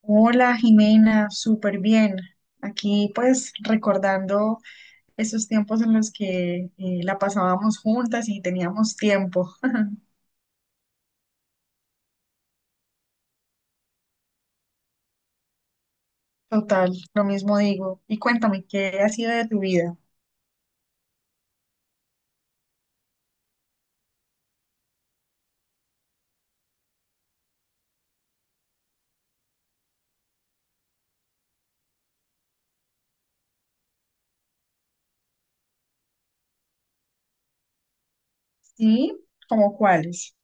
Hola Jimena, súper bien. Aquí pues recordando esos tiempos en los que la pasábamos juntas y teníamos tiempo. Total, lo mismo digo. Y cuéntame, ¿qué ha sido de tu vida? Sí, ¿como cuáles?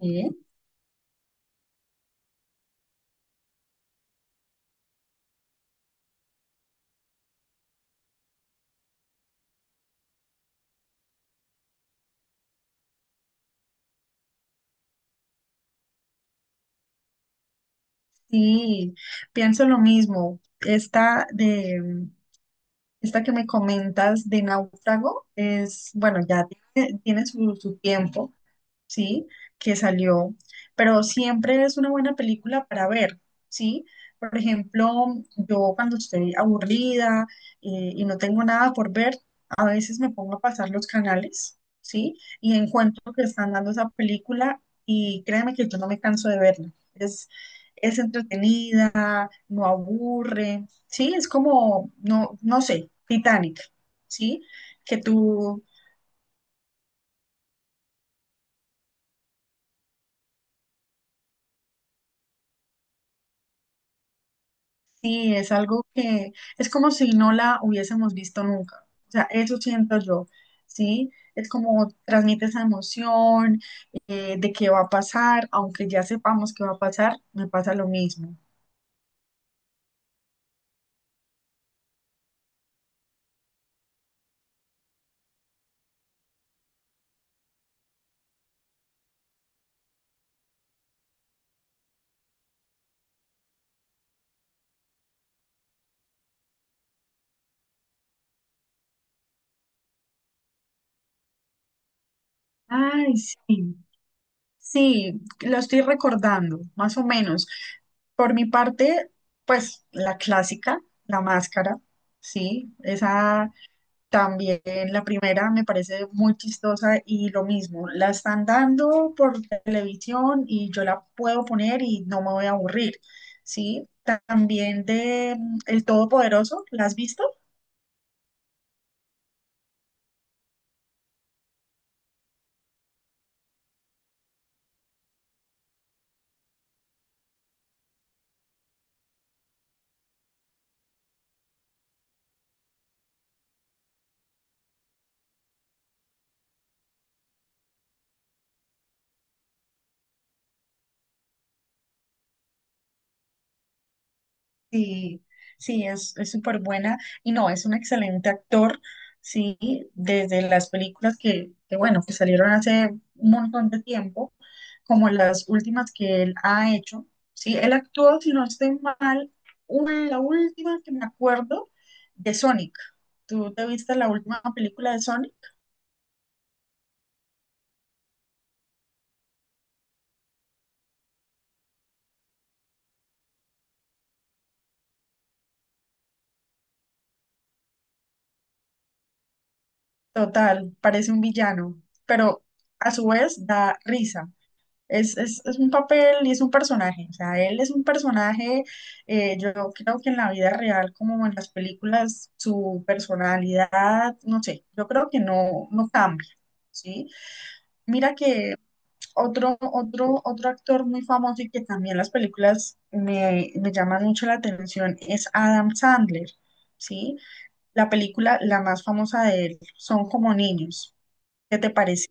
Sí, sí, pienso lo mismo. Esta que me comentas de Náufrago es, bueno, ya tiene su tiempo. ¿Sí? Que salió, pero siempre es una buena película para ver, ¿sí? Por ejemplo, yo cuando estoy aburrida y no tengo nada por ver, a veces me pongo a pasar los canales, ¿sí? Y encuentro que están dando esa película y créeme que yo no me canso de verla. Es entretenida, no aburre, ¿sí? Es como, no, no sé, Titanic, ¿sí? Que tú Sí, es algo que es como si no la hubiésemos visto nunca. O sea, eso siento yo, ¿sí? Es como transmite esa emoción de qué va a pasar, aunque ya sepamos qué va a pasar, me pasa lo mismo. Ay, sí, sí, lo estoy recordando, más o menos. Por mi parte, pues la clásica, La Máscara, ¿sí? Esa también, la primera me parece muy chistosa y lo mismo, la están dando por televisión y yo la puedo poner y no me voy a aburrir, ¿sí? También de El Todopoderoso, ¿la has visto? Sí, sí, es súper buena y no, es un excelente actor, sí, desde las películas que, bueno, que salieron hace un montón de tiempo, como las últimas que él ha hecho, sí, él actuó, si no estoy mal, la última que me acuerdo de Sonic. ¿Tú te viste la última película de Sonic? Total, parece un villano, pero a su vez da risa. Es un papel y es un personaje, o sea, él es un personaje, yo creo que en la vida real como en las películas, su personalidad, no sé, yo creo que no, no cambia, ¿sí? Mira que otro actor muy famoso y que también las películas me llaman mucho la atención es Adam Sandler, ¿sí? La película, la más famosa de él, Son Como Niños. ¿Qué te parece?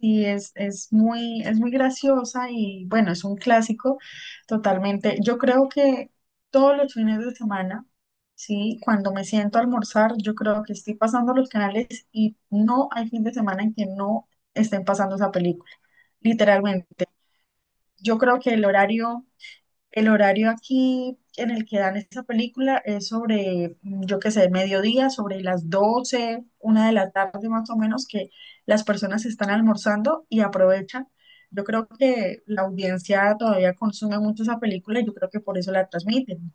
Sí, es muy graciosa y bueno, es un clásico totalmente. Yo creo que todos los fines de semana, sí, cuando me siento a almorzar, yo creo que estoy pasando los canales y no hay fin de semana en que no estén pasando esa película, literalmente. Yo creo que el horario aquí en el que dan esta película es sobre, yo qué sé, mediodía, sobre las 12, una de la tarde más o menos, que las personas están almorzando y aprovechan. Yo creo que la audiencia todavía consume mucho esa película y yo creo que por eso la transmiten.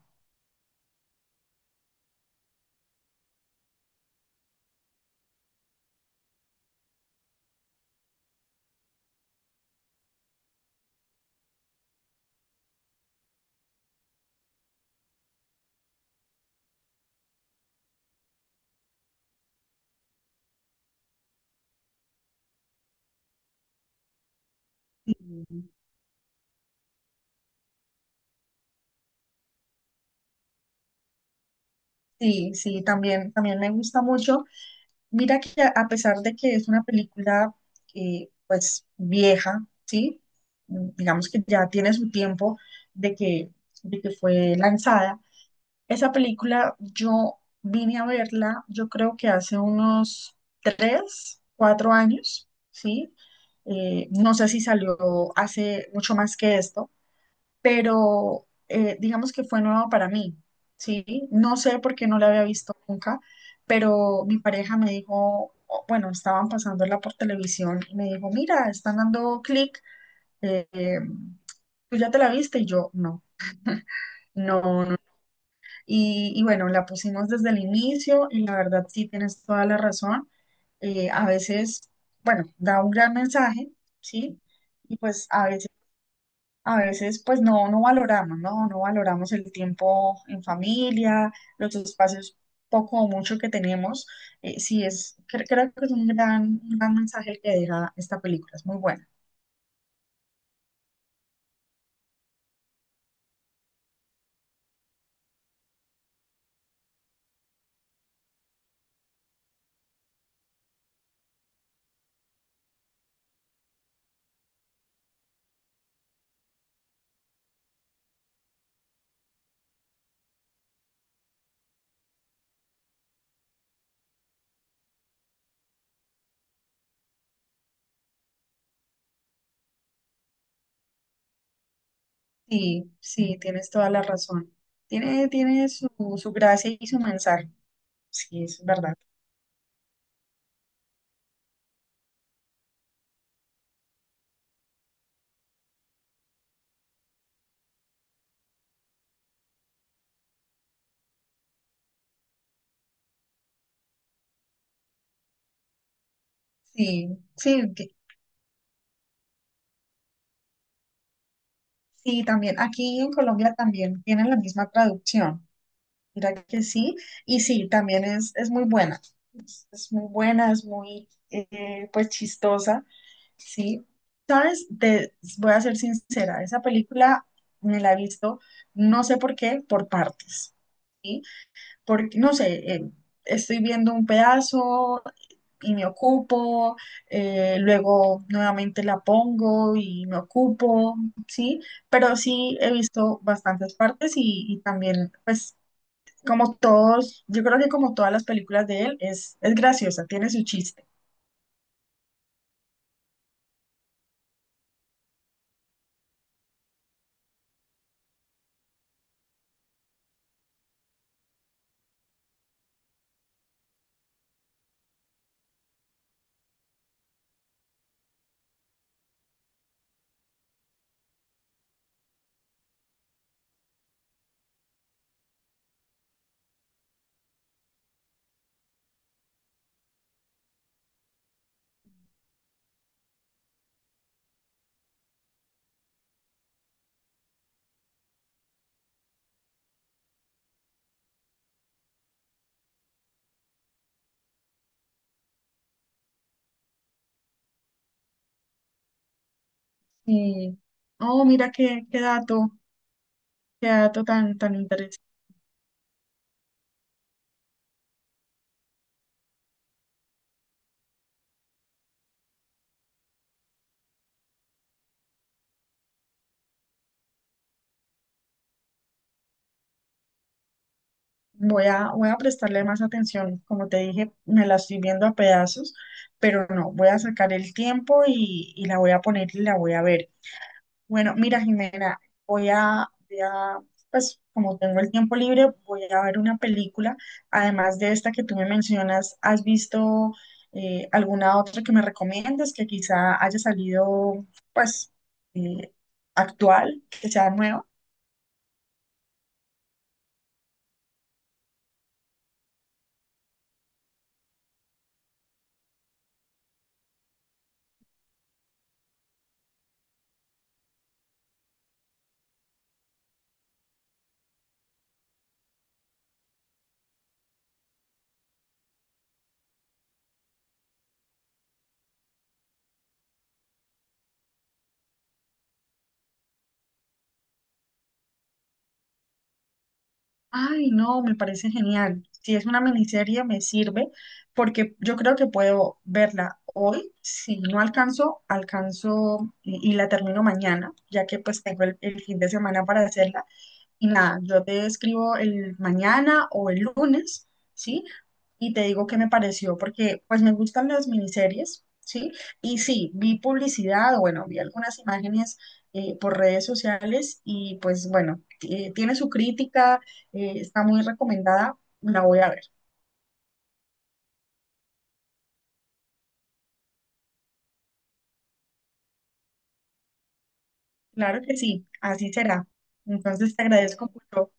Sí. Sí, sí, también, también me gusta mucho. Mira que a pesar de que es una película pues vieja, ¿sí? Digamos que ya tiene su tiempo de que, de que fue lanzada. Esa película yo vine a verla, yo creo que hace unos tres, cuatro años, ¿sí? No sé si salió hace mucho más que esto, pero digamos que fue nuevo para mí, ¿sí? No sé por qué no la había visto nunca, pero mi pareja me dijo, bueno, estaban pasándola por televisión y me dijo, mira, están dando Clic, eh, eh, tú ya te la viste y yo no. No, no. Y bueno, la pusimos desde el inicio y la verdad sí tienes toda la razón. A veces, bueno, da un gran mensaje, ¿sí? Y pues a veces pues no, no valoramos, ¿no? No valoramos el tiempo en familia, los espacios poco o mucho que tenemos. Sí, es, creo que es un gran mensaje el que deja esta película, es muy buena. Sí, sí, tienes toda la razón. Tiene, tiene su, su gracia y su mensaje. Sí, es verdad. Sí, sí, sí, también. Aquí en Colombia también tienen la misma traducción. Mira que sí, y sí, también es muy buena, es muy buena, es muy, pues, chistosa, sí. ¿Sabes? Te voy a ser sincera, esa película me la he visto, no sé por qué, por partes, ¿sí? Porque, no sé, estoy viendo un pedazo y me ocupo, luego nuevamente la pongo y me ocupo, ¿sí? Pero sí he visto bastantes partes y también, pues, como todos, yo creo que como todas las películas de él, es graciosa, tiene su chiste. Y, oh, mira qué, qué dato tan, tan interesante. Voy a prestarle más atención. Como te dije, me la estoy viendo a pedazos, pero no, voy a sacar el tiempo y la voy a poner y la voy a ver. Bueno, mira, Jimena, voy a, voy a, pues como tengo el tiempo libre, voy a ver una película. Además de esta que tú me mencionas, ¿has visto alguna otra que me recomiendes que quizá haya salido, pues, eh, actual, que sea nueva? Ay, no, me parece genial. Si es una miniserie, me sirve porque yo creo que puedo verla hoy. Si no alcanzo, alcanzo y la termino mañana, ya que pues tengo el fin de semana para hacerla. Y nada, yo te escribo el mañana o el lunes, ¿sí? Y te digo qué me pareció, porque pues me gustan las miniseries, ¿sí? Y sí, vi publicidad, bueno, vi algunas imágenes por redes sociales y pues bueno, tiene su crítica, está muy recomendada, la voy a ver. Claro que sí, así será. Entonces te agradezco mucho.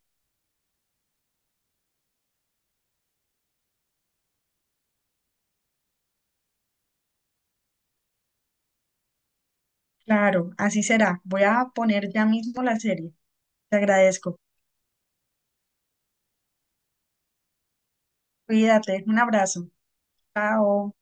Claro, así será. Voy a poner ya mismo la serie. Te agradezco. Cuídate, un abrazo. Chao.